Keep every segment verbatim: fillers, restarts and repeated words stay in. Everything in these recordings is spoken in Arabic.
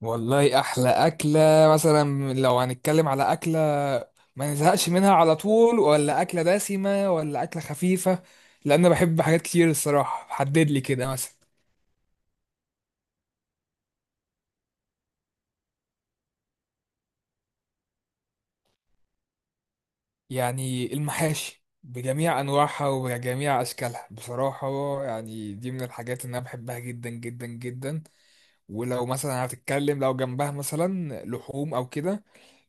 والله احلى اكله. مثلا لو هنتكلم على اكله ما نزهقش منها على طول، ولا اكله دسمه، ولا اكله خفيفه؟ لان انا بحب حاجات كتير الصراحه، حدد لي كده مثلا. يعني المحاشي بجميع انواعها وبجميع اشكالها بصراحه، يعني دي من الحاجات اللي انا بحبها جدا جدا جدا. ولو مثلا هتتكلم لو جنبها مثلا لحوم او كده،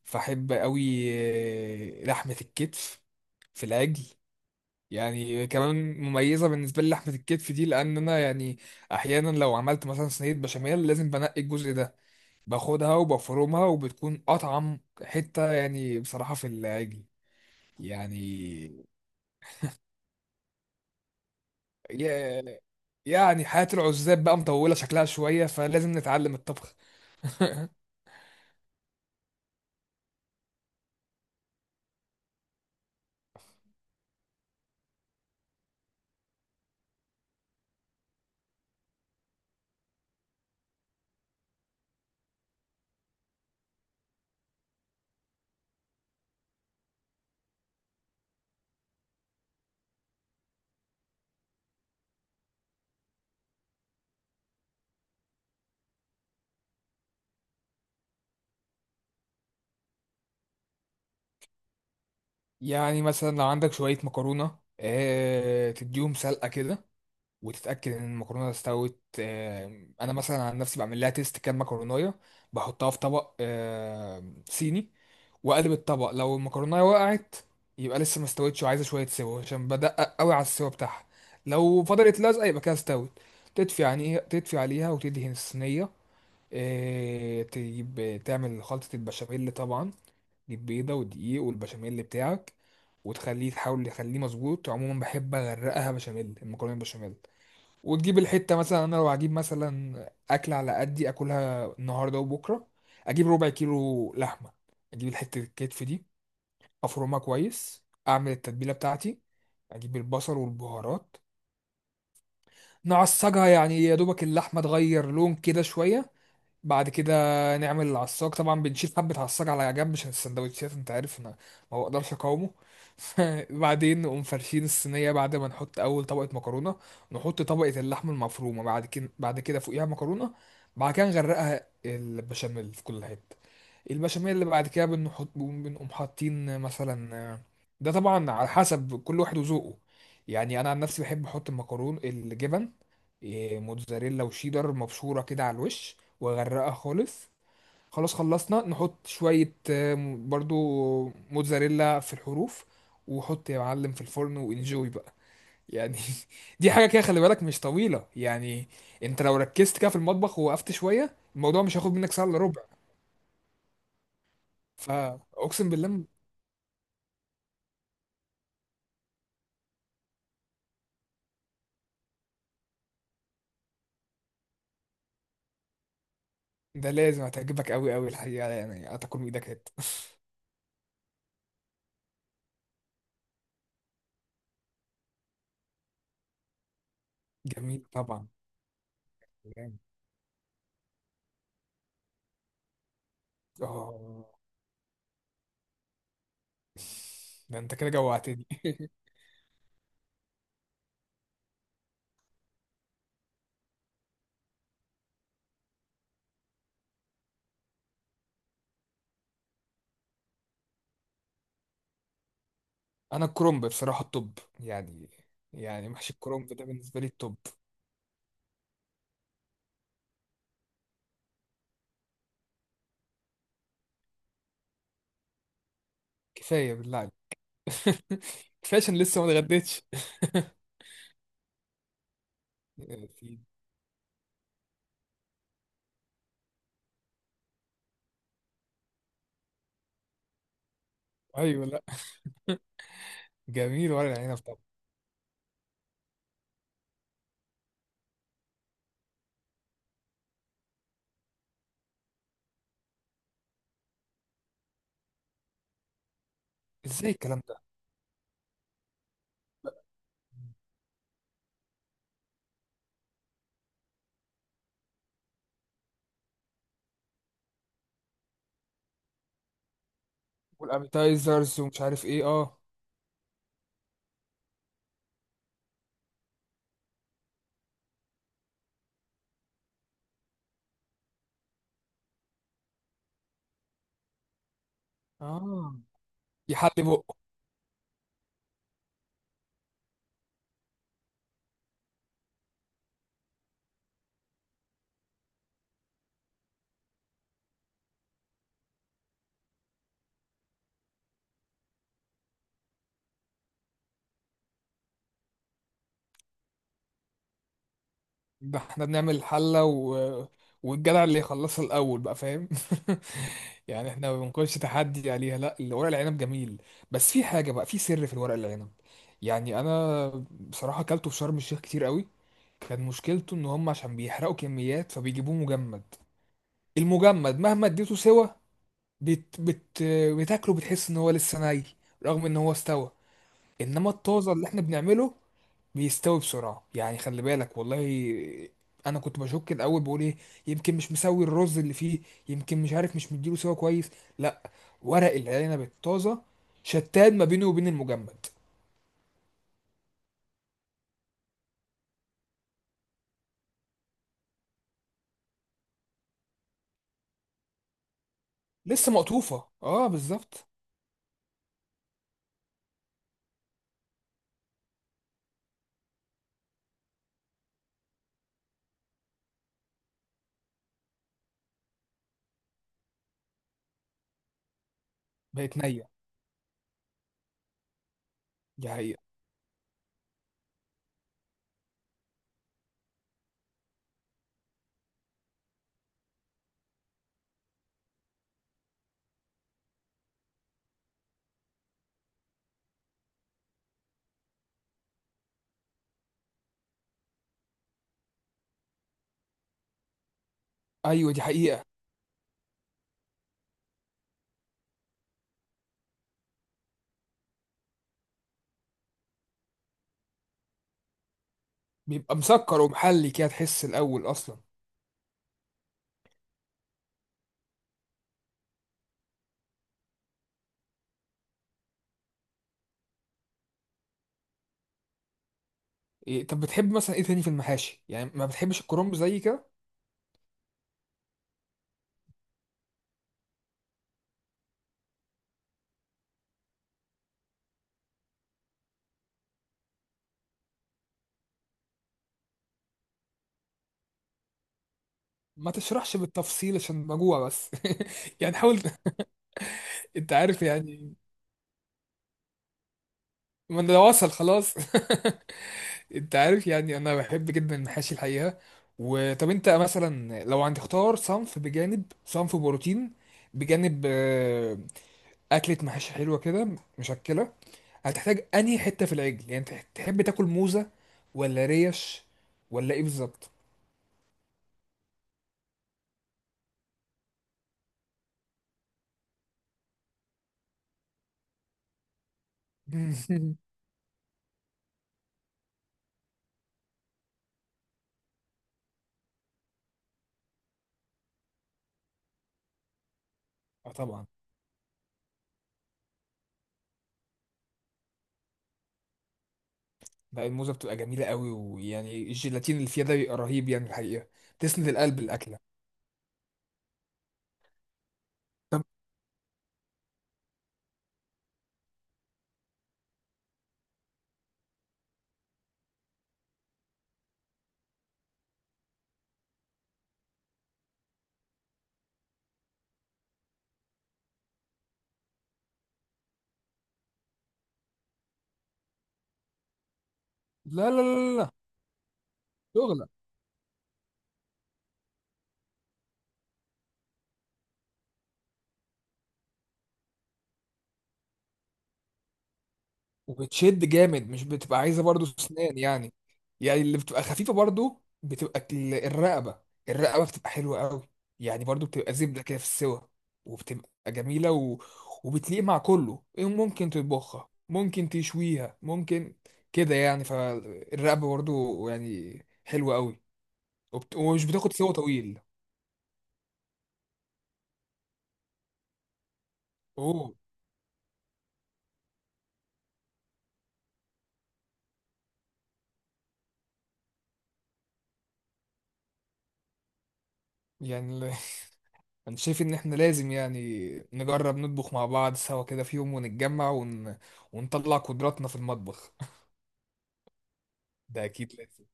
فاحب قوي لحمه الكتف في العجل. يعني كمان مميزة بالنسبة لي لحمة الكتف دي، لأن أنا يعني أحيانا لو عملت مثلا صينية بشاميل لازم بنقي الجزء ده، باخدها وبفرمها وبتكون أطعم حتة، يعني بصراحة في العجل يعني. يا- يعني حياة العزاب بقى مطولة شكلها شوية، فلازم نتعلم الطبخ. يعني مثلا لو عندك شوية مكرونة، آه، تديهم سلقة كده وتتاكد ان المكرونه استوت. آم، انا مثلا عن نفسي بعمل لها تيست كام مكرونايه، بحطها في طبق آم، صيني واقلب الطبق. لو المكرونه وقعت يبقى لسه ما استوتش وعايزه شويه سوا، عشان بدقق قوي على السوا بتاعها. لو فضلت لازقه يبقى كده استوت. تدفي، يعني تدفي عليها وتدهن الصينيه. آه، تجيب تعمل خلطه البشاميل طبعا، تجيب بيضه ودقيق والبشاميل بتاعك، وتخليه تحاول تخليه مظبوط. عموما بحب اغرقها بشاميل، المكرونه بالبشاميل. وتجيب الحتة، مثلا انا لو هجيب مثلا اكل على قدي اكلها النهاردة وبكرة، اجيب ربع كيلو لحمة، اجيب الحتة الكتف دي، افرمها كويس، اعمل التتبيلة بتاعتي، اجيب البصل والبهارات، نعصجها يعني يا دوبك اللحمة تغير لون كده شوية. بعد كده نعمل العصاك طبعا، بنشيل حبة عصاك على جنب عشان السندوتشات، انت عارف انا ما بقدرش اقاومه. بعدين نقوم فرشين الصينية، بعد ما نحط أول طبقة مكرونة نحط طبقة اللحم المفرومة، بعد كده بعد كده فوقيها مكرونة، بعد كده نغرقها البشاميل في كل حتة. البشاميل اللي بعد كده بنحط، بنقوم حاطين مثلا، ده طبعا على حسب كل واحد وذوقه. يعني أنا عن نفسي بحب أحط المكرون الجبن، إيه، موتزاريلا وشيدر مبشورة كده على الوش، واغرقها خالص. خلاص خلصنا نحط شوية آه، م- برضو موتزاريلا في الحروف، وحط يا معلم في الفرن وانجوي بقى يعني. دي حاجة كده خلي بالك مش طويلة يعني. انت لو ركزت كده في المطبخ ووقفت شوية، الموضوع مش هياخد منك ساعة الا ربع، فاقسم بالله. ده لازم هتعجبك قوي قوي الحقيقة، يعني هتاكل من ايدك هات. جميل طبعا. جامد. اه، ده انت كده جوعتني. انا الكرنب بصراحه الطب يعني، يعني محشي الكرنب ده بالنسبه لي الطب. كفايه بالله عليك. كفايه عشان لسه ما اتغديتش. يا سيدي. ايوه، لا، جميل ورق العنب طبعا. ازاي الكلام ده؟ والابيتايزرز ومش عارف ايه، اه. اه يحلي بقه. ده احنا بنعمل الحلة و... والجدع اللي يخلصها الأول بقى، فاهم؟ يعني احنا ما بنكونش تحدي عليها، لا الورق العنب جميل. بس في حاجة بقى، في سر في الورق العنب. يعني أنا بصراحة أكلته في شرم الشيخ كتير قوي. كان مشكلته إن هم عشان بيحرقوا كميات فبيجيبوه مجمد. المجمد مهما اديته سوا بت... بت... بتاكله بتحس إن هو لسه ني، رغم إن هو استوى. إنما الطازة اللي احنا بنعمله بيستوي بسرعة، يعني خلي بالك والله. انا كنت بشك الاول بقول ايه، يمكن مش مسوي الرز اللي فيه، يمكن مش عارف مش مديله سوا كويس. لا، ورق العنب الطازة شتان ما بينه وبين المجمد. لسه مقطوفة، اه بالظبط. بقت نية. دي حقيقة. ايوه دي حقيقة. بيبقى مسكر ومحلي كده تحس الاول اصلا. إيه طب بتحب مثلا ايه تاني في المحاشي؟ يعني ما بتحبش الكرنب زي كده؟ ما تشرحش بالتفصيل عشان بجوع بس. يعني حاول. انت عارف يعني، ما انا لو وصل خلاص. انت عارف يعني انا بحب جدا المحاشي الحقيقه. وطب انت مثلا لو عندك اختار صنف بجانب صنف بروتين بجانب آه، اكله محاشي حلوه كده، مشكله، هتحتاج انهي حته في العجل؟ يعني انت تحب تاكل موزه ولا ريش ولا ايه بالظبط؟ اه طبعا. لا الموزه بتبقى جميله قوي، ويعني الجيلاتين اللي فيها ده بيبقى رهيب يعني الحقيقه، تسند القلب الاكله. طب لا لا لا لا لا. شغل. وبتشد جامد، مش بتبقى عايزه برضو اسنان يعني. يعني اللي بتبقى خفيفه برضو بتبقى ال- الرقبه. الرقبه بتبقى حلوه قوي، يعني برضو بتبقى زبده كده في السوا، وبتبقى جميله و... وبتليق مع كله، إيه ممكن تطبخها، ممكن تشويها، ممكن كده يعني. فالرقبه برضو يعني حلوه قوي. وبت... ومش بتاخد سوا طويل. اوه، يعني انا شايف ان احنا لازم يعني نجرب نطبخ مع بعض سوا كده في يوم، ونتجمع ون... ونطلع قدراتنا في المطبخ. ده اكيد لازم.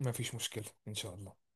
مفيش مشكلة ان شاء الله.